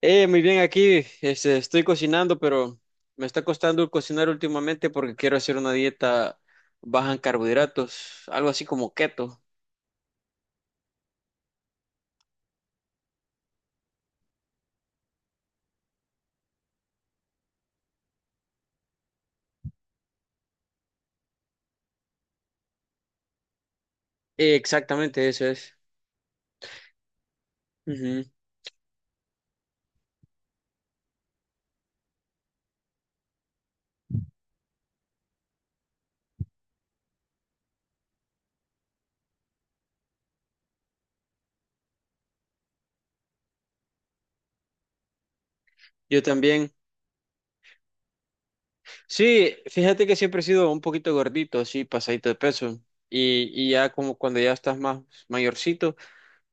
Muy bien, aquí estoy cocinando, pero me está costando cocinar últimamente porque quiero hacer una dieta baja en carbohidratos, algo así como keto. Exactamente, eso es. Ujú. Yo también. Sí, fíjate que siempre he sido un poquito gordito, así, pasadito de peso. Y ya como cuando ya estás más mayorcito,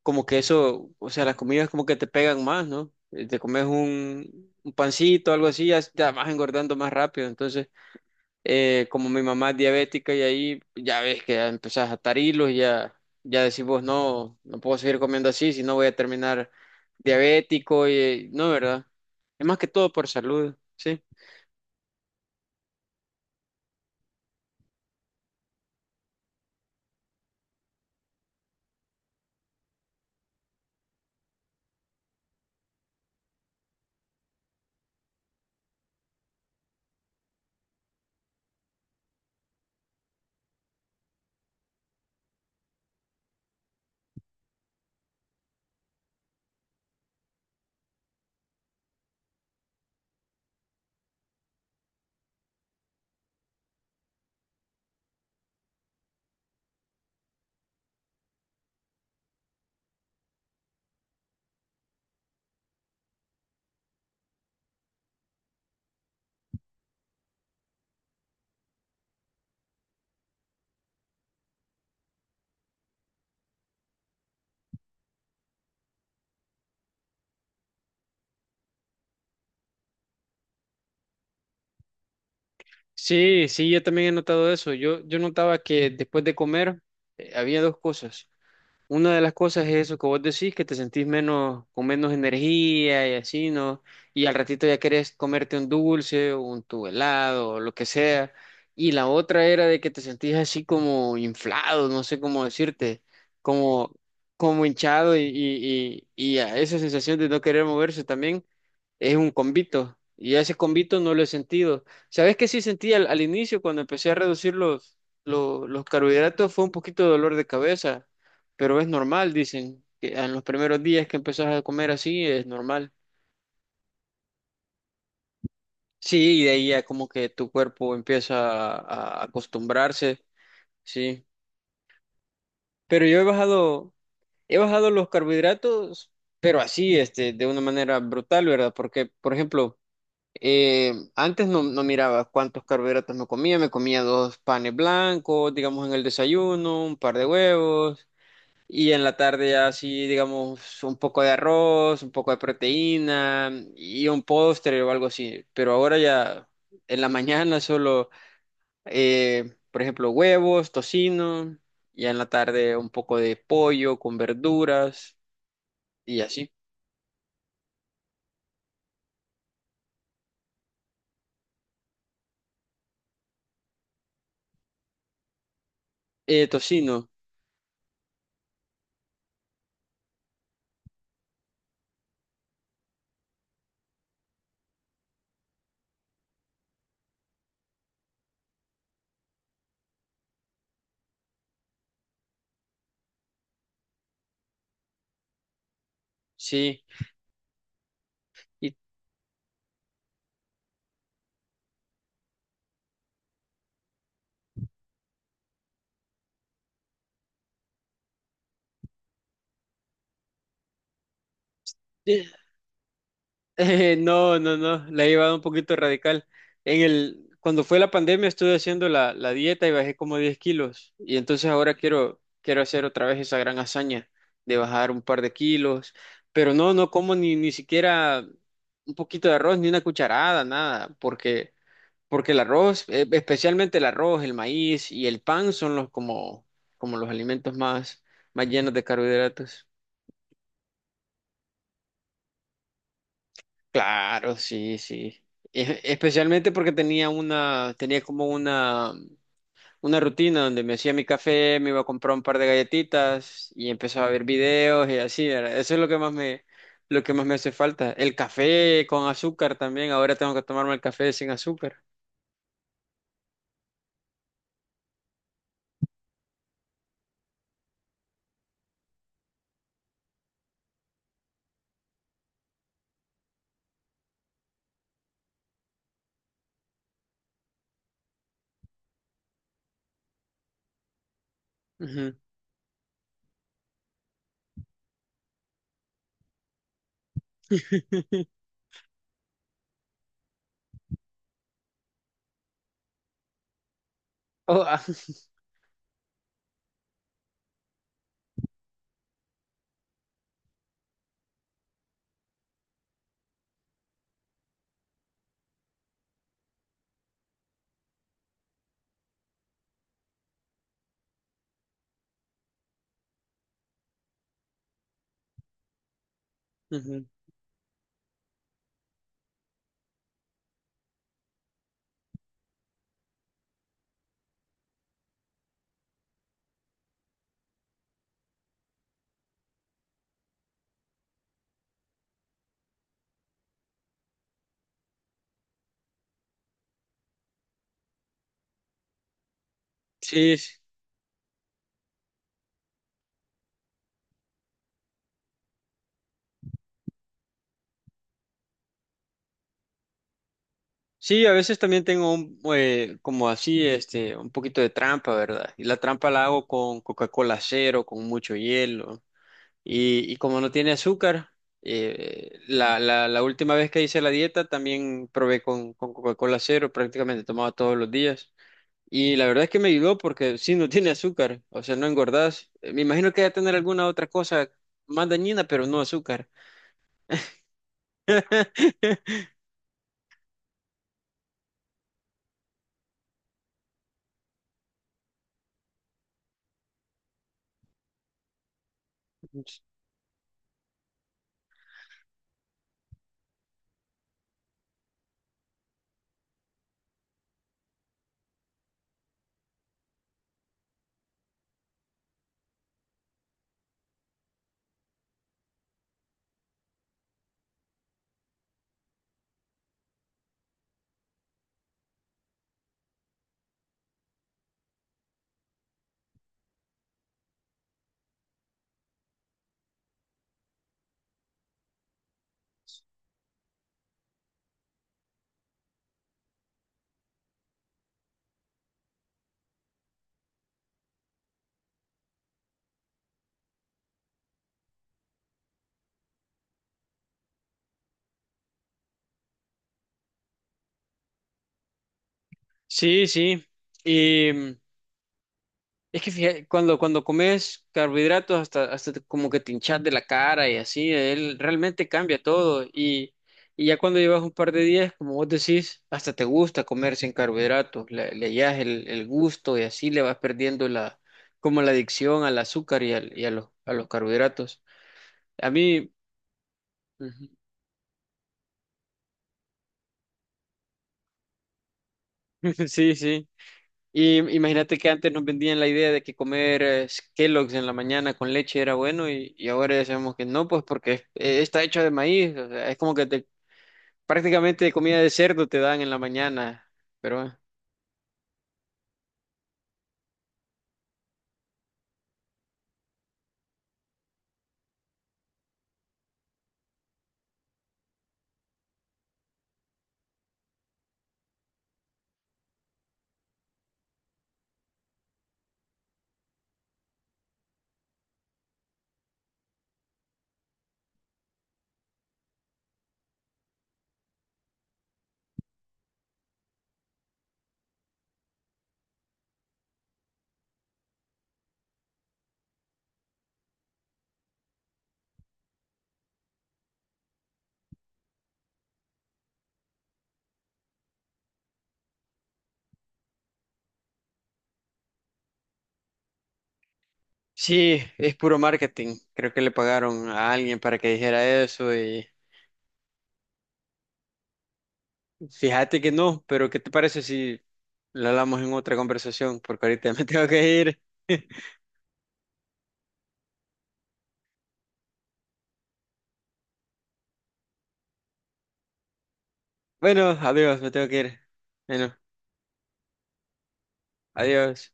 como que eso, o sea, las comidas como que te pegan más, ¿no? Te comes un pancito, algo así, ya vas engordando más rápido. Entonces, como mi mamá es diabética y ahí ya ves que ya empezás a atar hilos y ya, ya decís vos, no, no puedo seguir comiendo así, si no voy a terminar diabético y no, ¿verdad? Es más que todo por salud, ¿sí? Sí, sí, yo también he notado eso. Yo notaba que después de comer había dos cosas. Una de las cosas es eso que vos decís, que te sentís menos, con menos energía y así, ¿no? Y al ratito ya querés comerte un dulce, un tu helado, o lo que sea. Y la otra era de que te sentís así como inflado, no sé cómo decirte, como, como hinchado y a esa sensación de no querer moverse también es un convito y ese convito no lo he sentido. ¿Sabes qué sí sentí al inicio cuando empecé a reducir los carbohidratos? Fue un poquito de dolor de cabeza, pero es normal, dicen, que en los primeros días que empezás a comer así es normal. Sí, y de ahí ya como que tu cuerpo empieza a acostumbrarse, sí. Pero yo he he bajado los carbohidratos, pero así, de una manera brutal, ¿verdad? Porque, por ejemplo, antes no miraba cuántos carbohidratos me comía dos panes blancos, digamos en el desayuno, un par de huevos y en la tarde ya así, digamos, un poco de arroz, un poco de proteína y un postre o algo así. Pero ahora ya en la mañana solo, por ejemplo, huevos, tocino, y en la tarde un poco de pollo con verduras y así. Tocino, sí. Y eh, no, la he llevado un poquito radical. Cuando fue la pandemia estuve haciendo la dieta y bajé como 10 kilos y entonces ahora quiero hacer otra vez esa gran hazaña de bajar un par de kilos, pero no como ni siquiera un poquito de arroz, ni una cucharada, nada, porque, porque el arroz, especialmente el arroz, el maíz y el pan son como los alimentos más llenos de carbohidratos. Claro, sí, sí. Especialmente porque tenía tenía como una rutina donde me hacía mi café, me iba a comprar un par de galletitas y empezaba a ver videos y así, ¿verdad? Eso es lo que más lo que más me hace falta. El café con azúcar también. Ahora tengo que tomarme el café sin azúcar. Ujú. Oh, ah, ujú. Sí, sí, sí, a veces también tengo como así, un poquito de trampa, ¿verdad? Y la trampa la hago con Coca-Cola cero, con mucho hielo. Y como no tiene azúcar, la última vez que hice la dieta también probé con Coca-Cola cero, prácticamente tomaba todos los días. Y la verdad es que me ayudó porque sí, no tiene azúcar, o sea, no engordás. Me imagino que va a tener alguna otra cosa más dañina, pero no azúcar. Sí, sí, y es que cuando, cuando comes carbohidratos hasta como que te hinchas de la cara y así, él realmente cambia todo. Y ya cuando llevas un par de días, como vos decís, hasta te gusta comer sin carbohidratos, le hallas el gusto y así le vas perdiendo como la adicción al azúcar y a a los carbohidratos. A mí, ujú, sí, sí. Y imagínate que antes nos vendían la idea de que comer Kellogg's en la mañana con leche era bueno y ahora ya sabemos que no, pues porque está hecho de maíz, o sea, es como que prácticamente comida de cerdo te dan en la mañana, pero sí, es puro marketing, creo que le pagaron a alguien para que dijera eso y fíjate que no, pero ¿qué te parece si lo hablamos en otra conversación? Porque ahorita me tengo que ir. Bueno, adiós, me tengo que ir. Bueno, adiós.